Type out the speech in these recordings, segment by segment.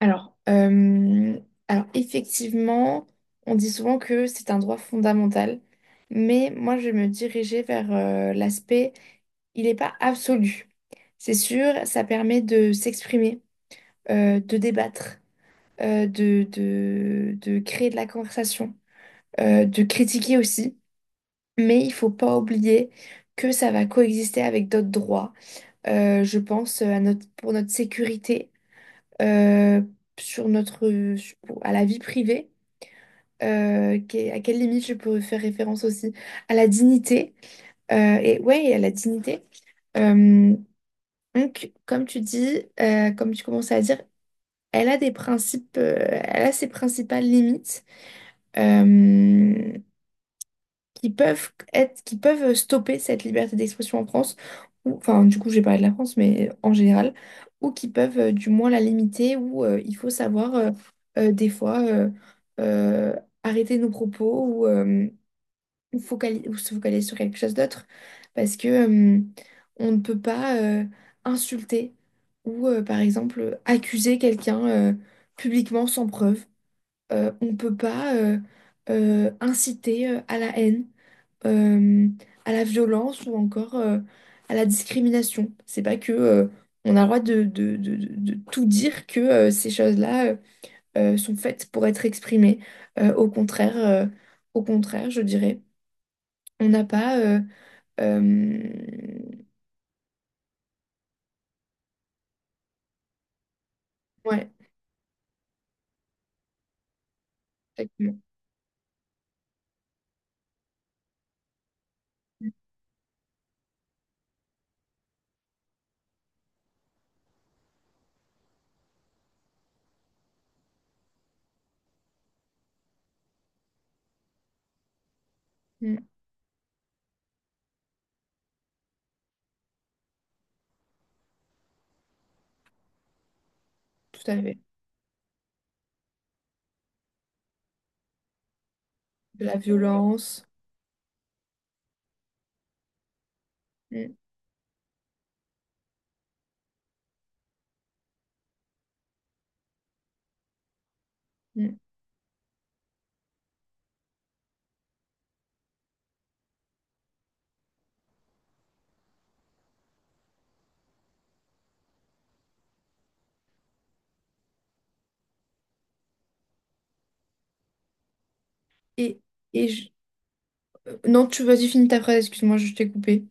Alors, euh, alors, effectivement, on dit souvent que c'est un droit fondamental, mais moi, je vais me dirigeais vers l'aspect, il n'est pas absolu. C'est sûr, ça permet de s'exprimer, de débattre, de créer de la conversation, de critiquer aussi, mais il faut pas oublier que ça va coexister avec d'autres droits. Je pense à notre, pour notre sécurité. euh, Sur notre, à la vie privée, à quelle limite je peux faire référence aussi, à la dignité, et à la dignité. Euh, donc, comme tu dis, comme tu commençais à dire, elle a des principes, elle a ses principales limites. Euh, qui peuvent qui peuvent stopper cette liberté d'expression en France, ou enfin du coup j'ai parlé de la France, mais en général, ou qui peuvent du moins la limiter, ou il faut savoir des fois euh, arrêter nos propos ou ou se focaliser sur quelque chose d'autre, parce que on ne peut pas insulter ou par exemple accuser quelqu'un publiquement sans preuve. On ne peut pas inciter à la haine euh, à la violence ou encore à la discrimination. C'est pas que on a le droit de tout dire que ces choses-là sont faites pour être exprimées. Euh, au contraire, euh, au contraire, je dirais, on n'a pas. Euh, ouais, exactement. Mm, mm, tout à fait. De la violence. Mm, mm. Et, et je- Non, tu vas-y, finis ta phrase, excuse-moi, je t'ai coupé.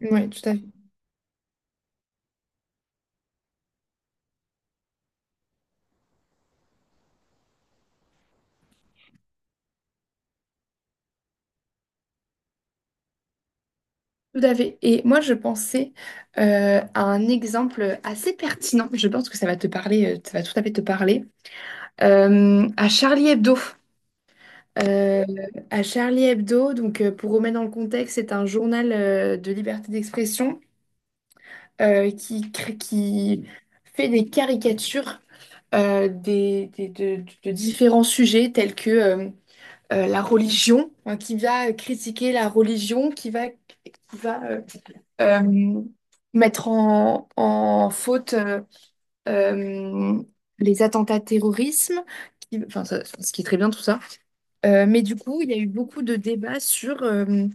Ouais, tout à fait. Tout à fait. Et moi, je pensais à un exemple assez pertinent. Je pense que ça va te parler, ça va tout à fait te parler. À Charlie Hebdo. Euh, à Charlie Hebdo, donc pour remettre dans le contexte, c'est un journal de liberté d'expression qui fait des caricatures de différents sujets tels que la religion, hein, qui va critiquer la religion, qui va euh, mettre en faute euh, les attentats terrorisme, enfin, ce qui est très bien tout ça. Mais du coup, il y a eu beaucoup de débats sur,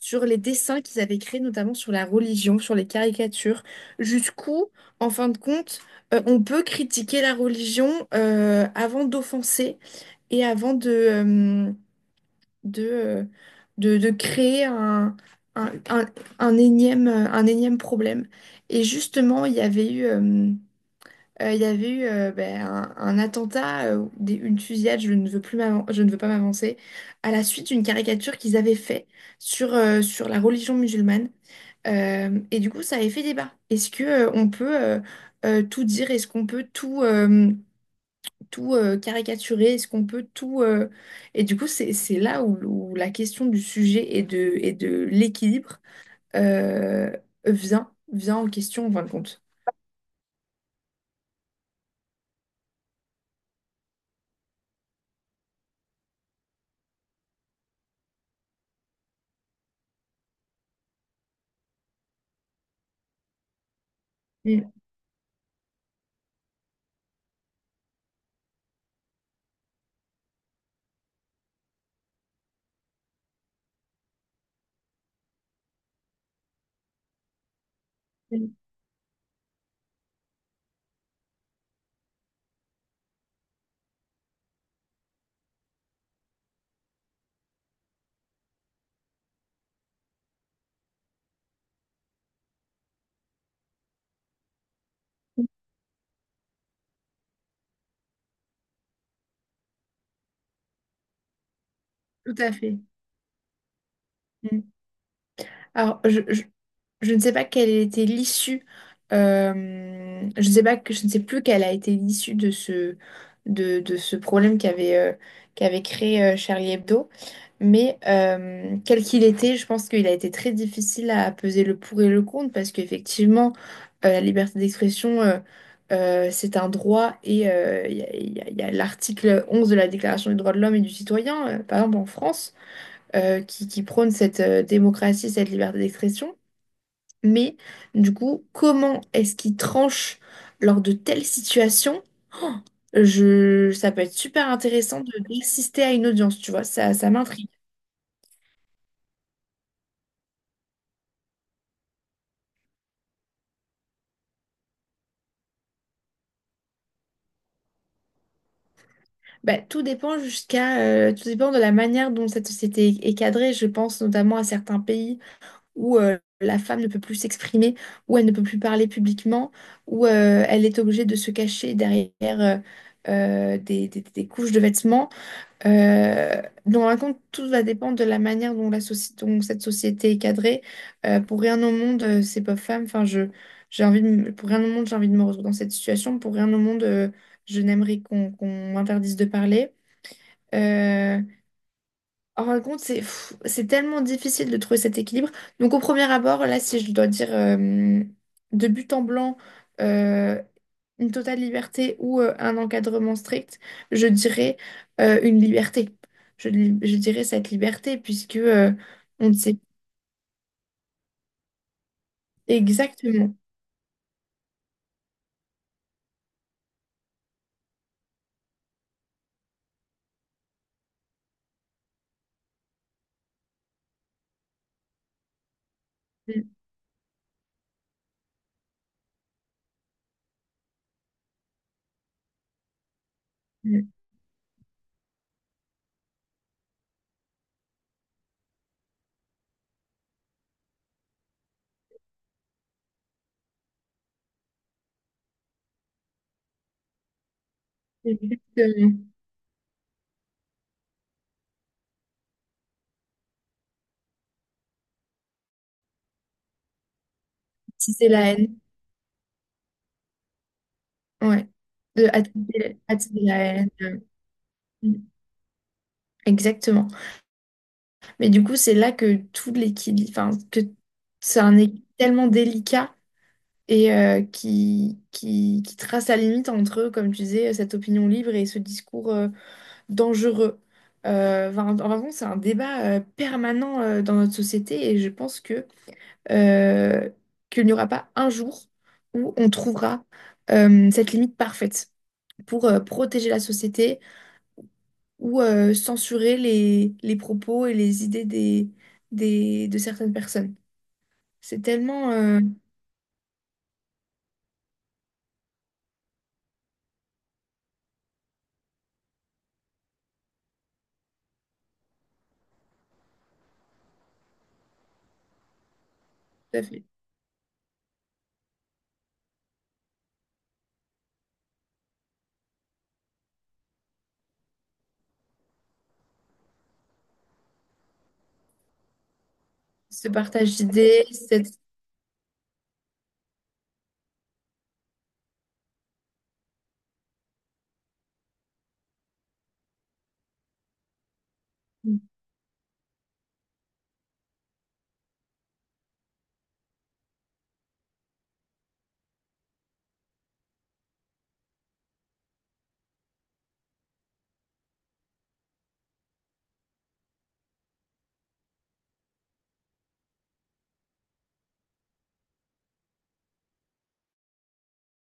sur les dessins qu'ils avaient créés, notamment sur la religion, sur les caricatures, jusqu'où, en fin de compte, on peut critiquer la religion avant d'offenser et avant de, euh, de créer un, un- un énième problème. Et justement, il y avait eu ben, un attentat, une fusillade, je ne veux pas m'avancer, à la suite d'une caricature qu'ils avaient fait sur, sur la religion musulmane. Et du coup, ça avait fait débat. Est-ce que, on peut tout dire? Est-ce qu'on peut tout... tout caricaturer? Est-ce qu'on peut tout... Et du coup, c'est là où, où la question du sujet et de l'équilibre euh, vient en question en fin de compte. Mm. Mm. Tout à fait. Mm. Alors, je ne sais pas quelle était l'issue. Je ne sais plus quelle a été l'issue de ce, de ce problème qu'avait qu'avait créé Charlie Hebdo. Mais quel qu'il était, je pense qu'il a été très difficile à peser le pour et le contre parce qu'effectivement, la liberté d'expression, c'est un droit et il y a, il y a l'article 11 de la Déclaration des droits de l'homme et du citoyen, par exemple en France, qui prône cette démocratie, cette liberté d'expression. Mais du coup, comment est-ce qu'il tranche lors de telles situations? Ça peut être super intéressant d'assister à une audience, tu vois, ça m'intrigue. Bah, tout dépend de la manière dont cette société est cadrée. Je pense notamment à certains pays où la femme ne peut plus s'exprimer, où elle ne peut plus parler publiquement, où elle est obligée de se cacher derrière des couches de vêtements. Donc, en fin de compte, tout va dépendre de la manière dont, dont cette société est cadrée. Pour rien au monde, ces pauvres femmes, enfin, je, j'ai envie de me- pour rien au monde, j'ai envie de me retrouver dans cette situation. Pour rien au monde, je n'aimerais qu'on m'interdise de parler. Euh, En fin de compte, c'est pff, c'est tellement difficile de trouver cet équilibre. Donc au premier abord, là, si je dois dire de but en blanc, euh, une totale liberté ou un encadrement strict, je dirais une liberté. Je dirais cette liberté puisque on ne sait exactement, mm, mm, exactement si c'est la haine. Ouais. De attiser, attiser la haine. Mm, exactement. Mais du coup, c'est là que tout l'équilibre, enfin, que c'est un équilibre tellement délicat et qui trace la limite entre, comme tu disais, cette opinion libre et ce discours dangereux. Enfin, en fait, c'est un débat permanent dans notre société et je pense que euh, qu'il n'y aura pas un jour où on trouvera cette limite parfaite pour protéger la société ou censurer les propos et les idées des, de certaines personnes. C'est tellement... tout à fait. Ce partage d'idées, cette...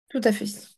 Tout à fait.